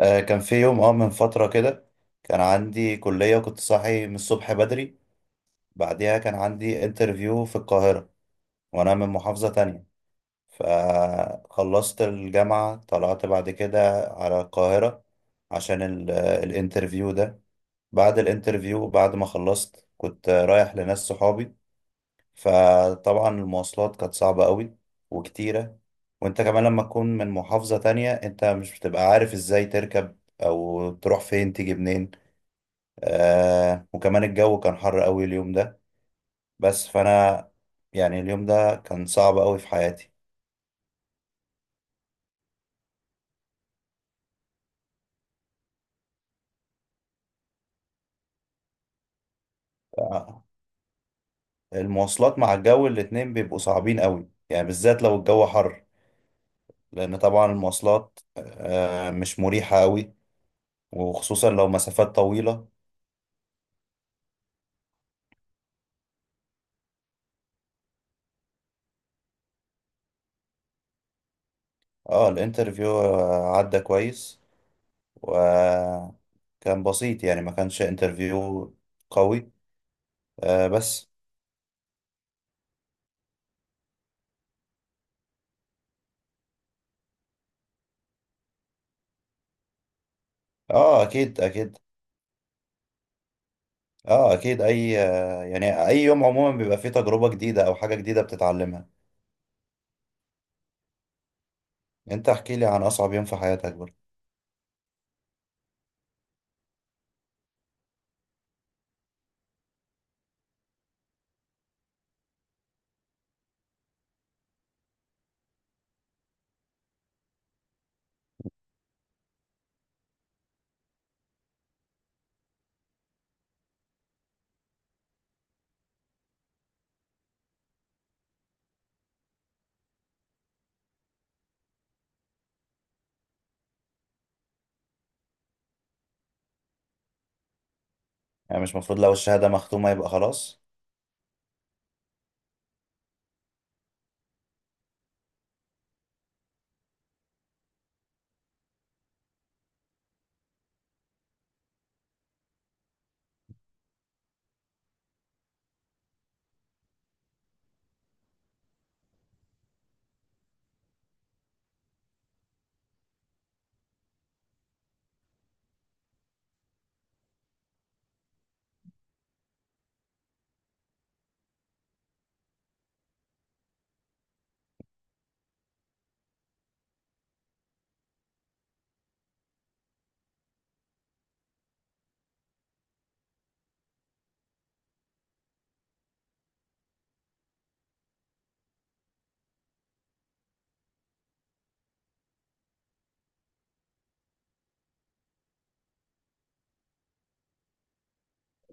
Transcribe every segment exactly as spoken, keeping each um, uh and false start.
آه، كان في يوم اه من فترة كده. كان عندي كلية وكنت صاحي من الصبح بدري. بعديها كان عندي انترفيو في القاهرة، وأنا من محافظة تانية. فخلصت الجامعة طلعت بعد كده على القاهرة عشان ال- الانترفيو ده. بعد الانترفيو بعد ما خلصت كنت رايح لناس صحابي. فطبعا المواصلات كانت صعبة قوي وكتيرة. وانت كمان لما تكون من محافظة تانية انت مش بتبقى عارف ازاي تركب او تروح فين تيجي منين. آه، وكمان الجو كان حر قوي اليوم ده. بس فانا يعني اليوم ده كان صعب قوي في حياتي. آه، المواصلات مع الجو الاتنين بيبقوا صعبين قوي، يعني بالذات لو الجو حر. لان طبعا المواصلات آه مش مريحة قوي، وخصوصا لو مسافات طويلة. اه، الانترفيو آه، عدى كويس وكان بسيط، يعني ما كانش انترفيو قوي. آه بس. اه، اكيد اكيد. اه اكيد، اي آه يعني اي يوم عموما بيبقى فيه تجربة جديدة او حاجة جديدة بتتعلمها. انت احكي لي عن اصعب يوم في حياتك برضه. يعني مش المفروض لو الشهادة مختومة يبقى خلاص؟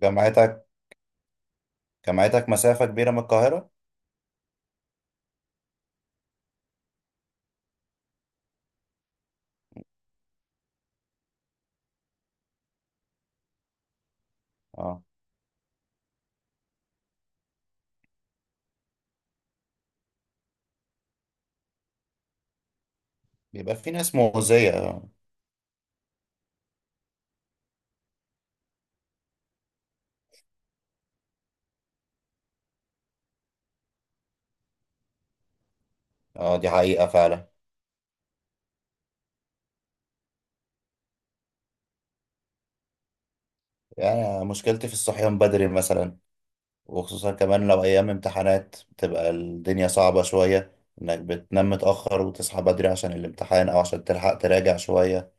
جامعتك جامعتك مسافة كبيرة من القاهرة؟ اه، بيبقى في ناس مؤذية اه. آه، دي حقيقة فعلا. يعني مشكلتي في الصحيان بدري مثلا، وخصوصا كمان لو أيام امتحانات بتبقى الدنيا صعبة شوية. إنك بتنام متأخر وتصحى بدري عشان الامتحان أو عشان تلحق تراجع شوية.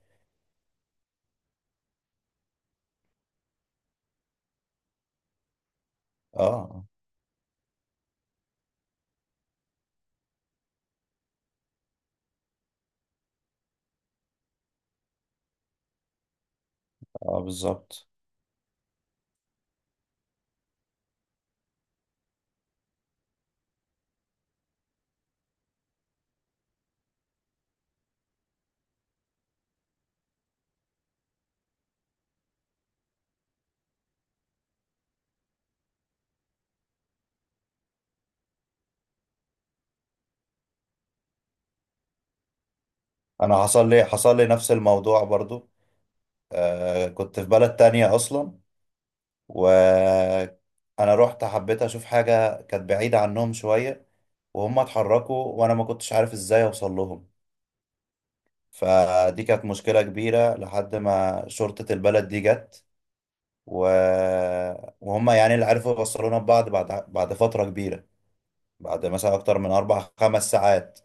اه، اه بالظبط. أنا حصل لي حصل لي نفس الموضوع برضو. آه، كنت في بلد تانية أصلا. وأنا رحت حبيت أشوف حاجة كانت بعيدة عنهم شوية، وهم اتحركوا وأنا ما كنتش عارف إزاي أوصل لهم. فدي كانت مشكلة كبيرة لحد ما شرطة البلد دي جت. و... وهم يعني اللي عرفوا يوصلونا ببعض بعد بعد فترة كبيرة. بعد مثلا أكتر من أربع خمس ساعات،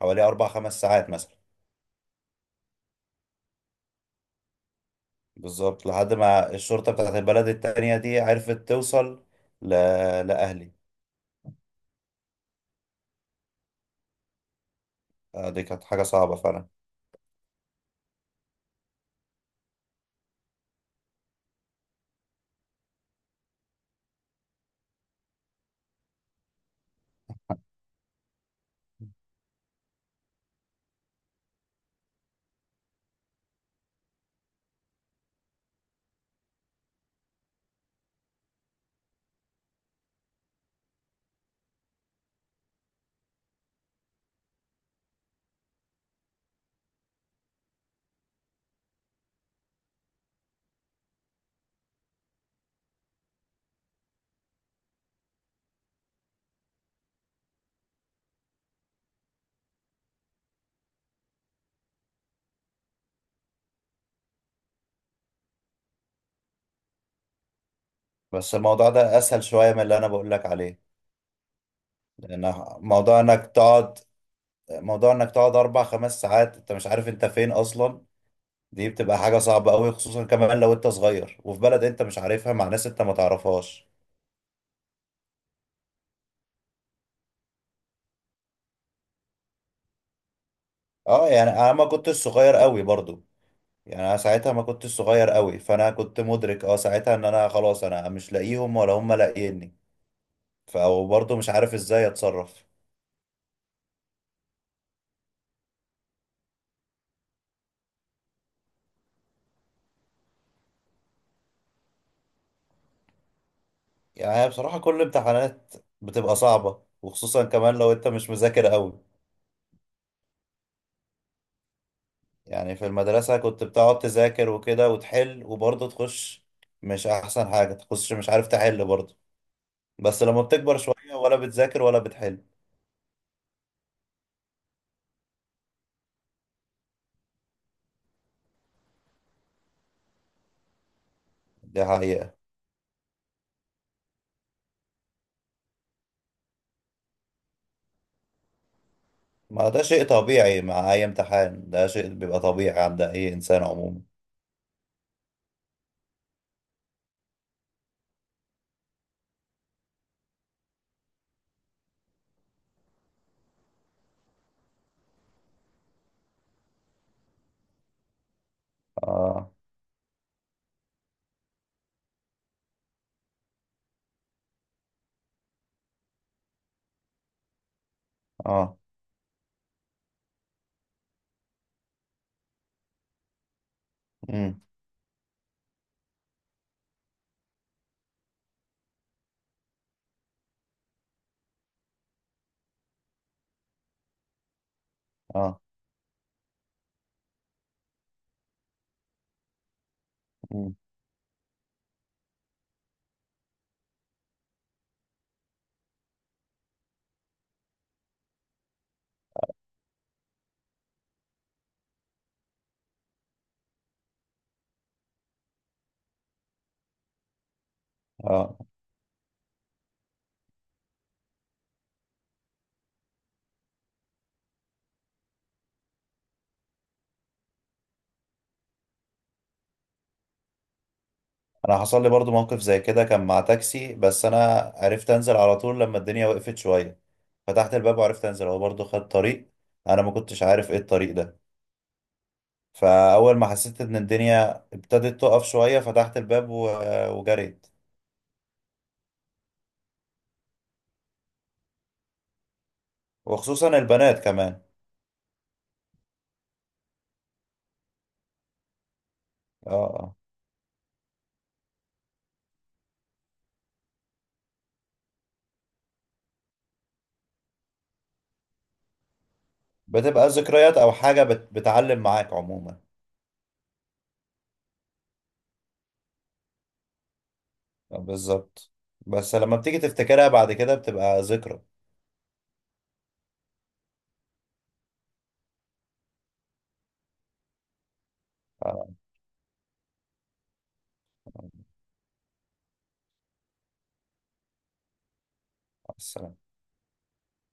حوالي أربع خمس ساعات مثلا. بالظبط، لحد ما الشرطة بتاعت البلد التانية دي عرفت توصل ل... لأهلي. آه، دي كانت حاجة صعبة فعلا. بس الموضوع ده أسهل شوية من اللي أنا بقول لك عليه. لأن موضوع إنك تقعد موضوع إنك تقعد أربع خمس ساعات أنت مش عارف أنت فين أصلا. دي بتبقى حاجة صعبة أوي، خصوصا كمان لو أنت صغير وفي بلد أنت مش عارفها مع ناس أنت ما تعرفهاش. اه يعني انا ما كنتش صغير قوي برضو. يعني انا ساعتها ما كنتش صغير قوي، فانا كنت مدرك اه ساعتها ان انا خلاص انا مش لاقيهم ولا هم لاقيني. فبرضو مش عارف ازاي اتصرف. يعني هي بصراحة كل امتحانات بتبقى صعبة، وخصوصا كمان لو انت مش مذاكر قوي. يعني في المدرسة كنت بتقعد تذاكر وكده وتحل وبرضو تخش مش احسن حاجة، تخش مش عارف تحل برضو. بس لما بتكبر شوية ولا بتذاكر ولا بتحل. دي حقيقة. ما ده شيء طبيعي مع أي امتحان، ده شيء بيبقى طبيعي عند أي إنسان عموما. آه. آه. مم. آه. مم. آه. أنا حصل لي برضو موقف زي كده كان مع تاكسي، بس أنا عرفت أنزل على طول لما الدنيا وقفت شوية. فتحت الباب وعرفت أنزل، هو برضو خد طريق أنا ما كنتش عارف إيه الطريق ده. فأول ما حسيت إن الدنيا ابتدت تقف شوية فتحت الباب و... وجريت. وخصوصا البنات كمان. آه. آه. بتبقى ذكريات أو حاجة بت... بتعلم معاك عموما. بالظبط. بس لما بتيجي تفتكرها بعد كده بتبقى ذكرى. آه، مع السلامة.